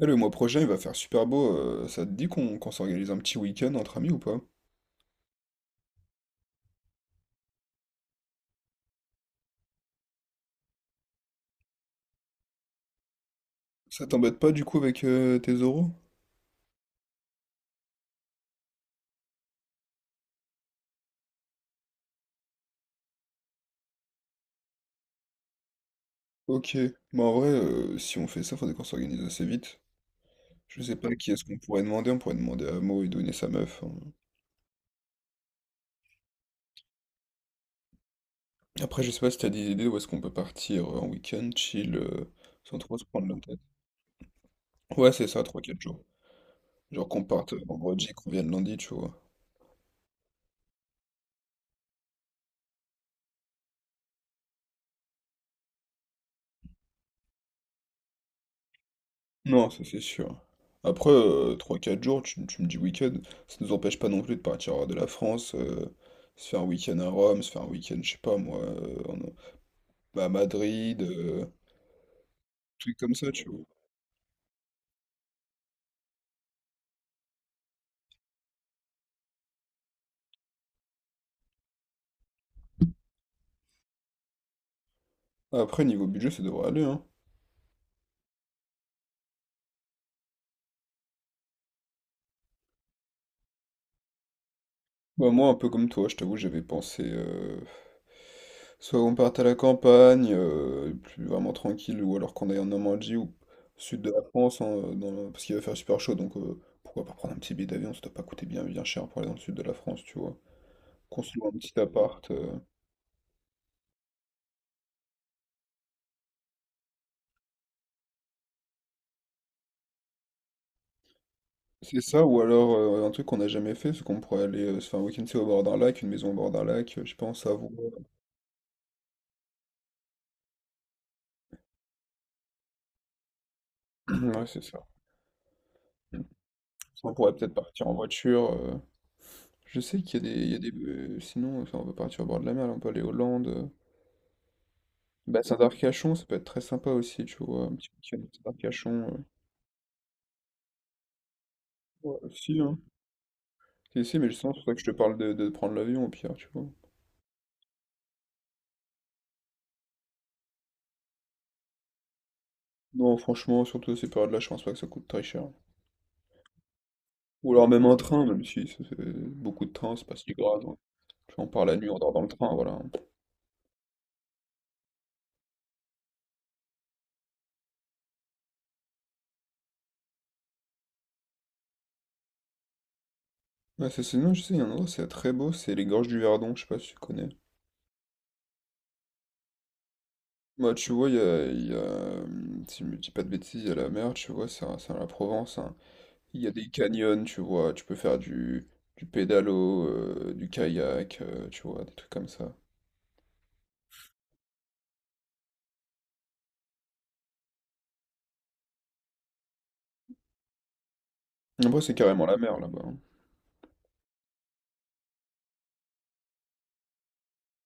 Eh, le mois prochain, il va faire super beau. Ça te dit qu'on s'organise un petit week-end entre amis ou pas? Ça t'embête pas du coup avec tes oraux? Ok. Bah en vrai, si on fait ça, faudrait qu'on s'organise assez vite. Je sais pas qui est-ce qu'on pourrait demander. On pourrait demander à Mo et donner sa meuf, hein. Après, je sais pas si t'as des idées où est-ce qu'on peut partir en week-end, chill, sans trop se prendre la tête. Ouais, c'est ça, 3-4 jours. Genre qu'on parte vendredi, qu'on vienne lundi, tu vois. Non, ça c'est sûr. Après, 3-4 jours, tu me dis week-end, ça nous empêche pas non plus de partir de la France, se faire un week-end à Rome, se faire un week-end, je sais pas moi, bah, à Madrid, trucs comme ça, tu vois. Après, niveau budget, ça devrait aller, hein. Bah, moi, un peu comme toi, je t'avoue, j'avais pensé, soit on parte à la campagne, plus vraiment tranquille, ou alors qu'on aille en Normandie ou au sud de la France, hein, parce qu'il va faire super chaud, donc pourquoi pas prendre un petit billet d'avion, ça doit pas coûter bien, bien cher pour aller dans le sud de la France, tu vois. Construire un petit appart. C'est ça, ou alors un truc qu'on n'a jamais fait, c'est qu'on pourrait aller se faire un week-end tu sais, au bord d'un lac, une maison au bord d'un lac, je sais pas, en Savoie. Ouais, c'est ça. On pourrait peut-être partir en voiture. Je sais qu'il y a des. Sinon, enfin, on peut partir au bord de la mer, là, on peut aller aux Landes. Bassin d'Arcachon, ça peut être très sympa aussi, tu vois. Un petit week-end au bassin d'Arcachon. Ouais, si, hein. Si, si, mais justement, c'est pour ça que je te parle de prendre l'avion au pire, tu vois. Non, franchement, surtout à ces périodes-là, je pense pas que ça coûte très cher. Ou alors même un train, même si c'est- c'est- beaucoup de trains, c'est pas si grave, hein. Tu vois, on part la nuit, on dort dans le train, voilà. Ouais, ça, c'est non, je sais, il y a un endroit, c'est très beau, c'est les gorges du Verdon, je sais pas si tu connais. Bah, tu vois, si je me dis pas de bêtises, il y a la mer, tu vois, c'est à la Provence, hein. Il y a des canyons, tu vois, tu peux faire du pédalo, du kayak, tu vois, des trucs comme ça. Après, c'est carrément la mer là-bas, hein.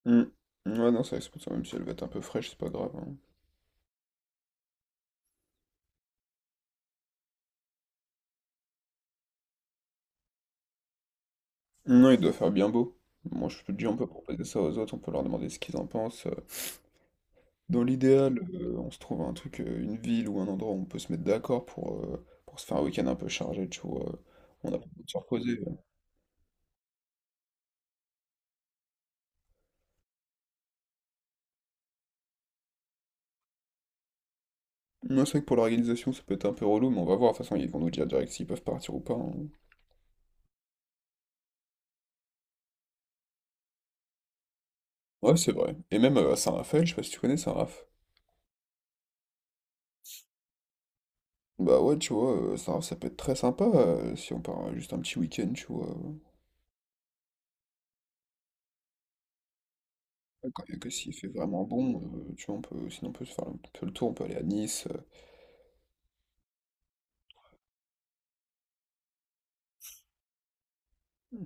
Hum. Ouais, non, ça reste pour ça, même si elle va être un peu fraîche, c'est pas grave, hein. Non, il doit faire bien beau. Moi, je te dis, on peut proposer ça aux autres, on peut leur demander ce qu'ils en pensent. Dans l'idéal, on se trouve un truc, une ville ou un endroit où on peut se mettre d'accord pour se faire un week-end un peu chargé, tu vois. On a pas le temps de se reposer. Moi, c'est vrai que pour l'organisation, ça peut être un peu relou, mais on va voir. De toute façon, ils vont nous dire direct s'ils peuvent partir ou pas, hein. Ouais, c'est vrai. Et même à Saint-Raphaël, je sais pas si tu connais Saint-Raph. Bah ouais, tu vois, Saint-Raph, ça peut être très sympa si on part juste un petit week-end, tu vois. Quand il y a que s'il fait vraiment bon, tu vois, on peut, sinon on peut se faire un peu le tour, on peut aller à Nice,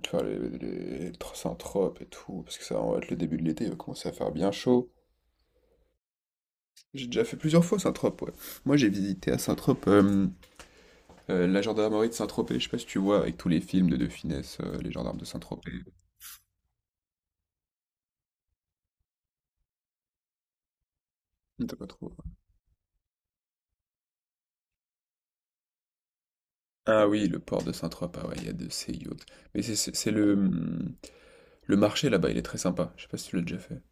tu vois, les Saint-Tropez et tout, parce que ça va être le début de l'été, il va commencer à faire bien chaud. J'ai déjà fait plusieurs fois Saint-Tropez, ouais. Moi j'ai visité à Saint-Tropez la gendarmerie de Saint-Tropez, je sais pas si tu vois, avec tous les films de De Funès, les gendarmes de Saint-Tropez. T'as pas trop. Ah oui, le port de Saint-Tropez, ah ouais, il y a de ces yachts. Mais le marché là-bas, il est très sympa, je sais pas si tu l'as déjà fait.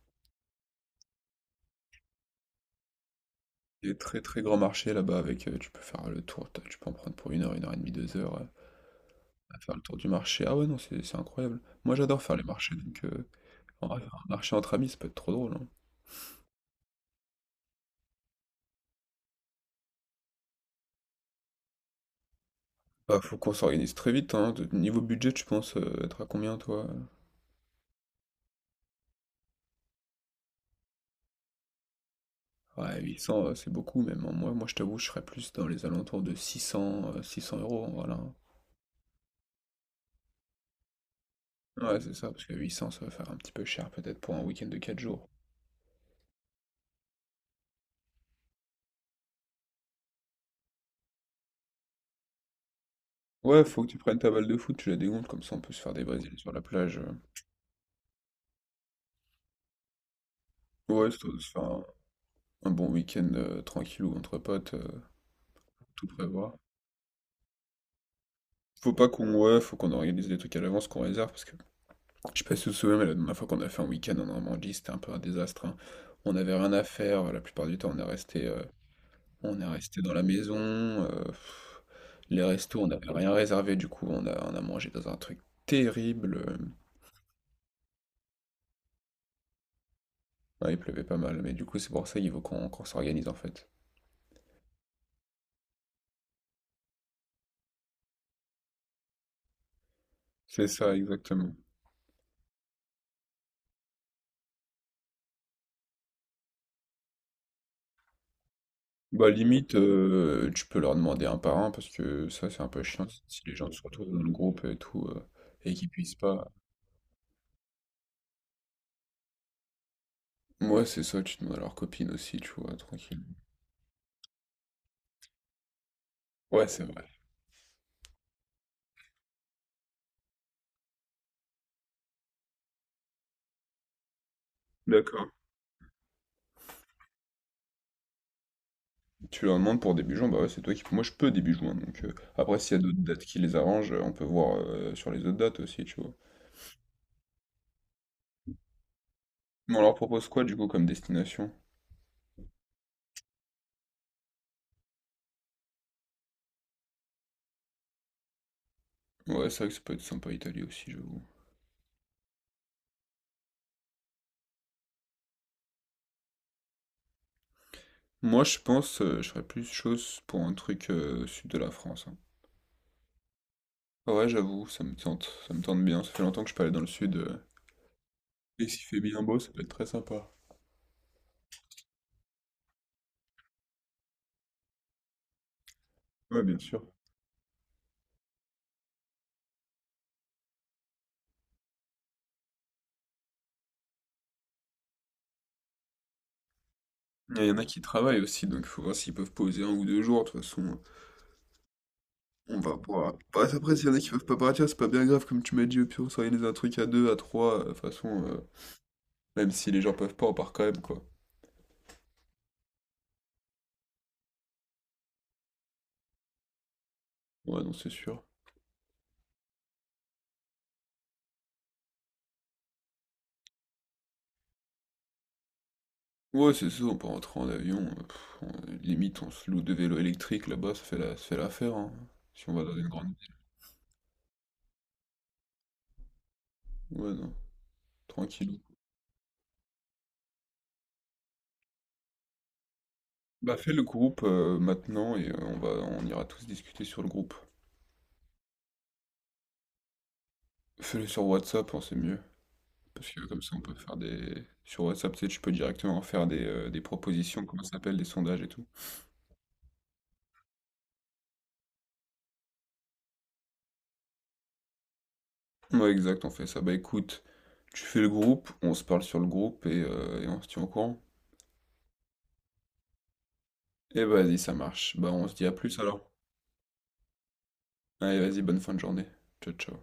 Il y a très très grand marché là-bas avec tu peux faire le tour, tu peux en prendre pour une heure et demie, deux heures à faire le tour du marché. Ah ouais non c'est incroyable. Moi j'adore faire les marchés donc en vrai, faire un marché entre amis ça peut être trop drôle, hein. Bah faut qu'on s'organise très vite, hein. Niveau budget tu penses être à combien toi? Ouais 800 c'est beaucoup même, hein. Moi je t'avoue je serais plus dans les alentours de 600 euros, hein, voilà. Hein. Ouais c'est ça parce que 800 ça va faire un petit peu cher peut-être pour un week-end de 4 jours. Ouais, faut que tu prennes ta balle de foot, tu la dégonfles, comme ça on peut se faire des Brésils sur la plage. Ouais, enfin, un bon week-end tranquille ou entre potes, tout prévoir. Faut pas qu'on Ouais, faut qu'on organise des trucs à l'avance, qu'on réserve, parce que je sais pas si vous vous souvenez, mais la dernière fois qu'on a fait un week-end en Normandie, c'était un peu un désastre, hein. On n'avait rien à faire, la plupart du temps on est resté dans la maison. Les restos, on n'avait rien réservé, du coup on a mangé dans un truc terrible. Ouais, il pleuvait pas mal, mais du coup c'est pour ça qu'il faut qu'on s'organise en fait. C'est ça exactement. Bah limite, tu peux leur demander un par un parce que ça c'est un peu chiant si les gens se retrouvent dans le groupe et tout et qu'ils puissent pas. Moi c'est ça, tu demandes à leur copine aussi, tu vois, tranquille. Ouais, c'est vrai. D'accord. Tu leur demandes pour début juin, bah ouais, c'est toi qui... Moi je peux début juin, donc après s'il y a d'autres dates qui les arrangent, on peut voir sur les autres dates aussi, tu vois. Mais on leur propose quoi du coup comme destination? Ouais, c'est vrai que ça peut être sympa Italie aussi, j'avoue. Moi je pense, je ferais plus chose pour un truc sud de la France, hein. Ouais, ouais, j'avoue, ça me tente bien. Ça fait longtemps que je suis pas allé dans le sud. Et s'il fait bien beau, ça peut être très sympa. Ouais, bien sûr. Il y en a qui travaillent aussi, donc il faut voir s'ils peuvent poser 1 ou 2 jours. De toute façon, on va pouvoir. Bah, après, s'il y en a qui peuvent pas partir, c'est pas bien grave, comme tu m'as dit. Au pire, on s'organise un truc à deux, à trois. De toute façon, même si les gens peuvent pas, on part quand même, quoi. Ouais, non, c'est sûr. Ouais, c'est ça, on peut rentrer en avion. Limite, on se loue deux vélos électriques là-bas, ça fait l'affaire, hein, si on va dans une grande ville. Ouais, non, tranquille. Bah fais le groupe maintenant et on ira tous discuter sur le groupe. Fais-le sur WhatsApp, hein, c'est mieux. Parce que comme ça on peut faire des. Sur WhatsApp, tu sais, tu peux directement faire des propositions, comment ça s'appelle, des sondages et tout. Ouais exact, on fait ça. Bah écoute, tu fais le groupe, on se parle sur le groupe et on se tient au courant. Et vas-y, ça marche. Bah on se dit à plus alors. Allez, vas-y, bonne fin de journée. Ciao ciao.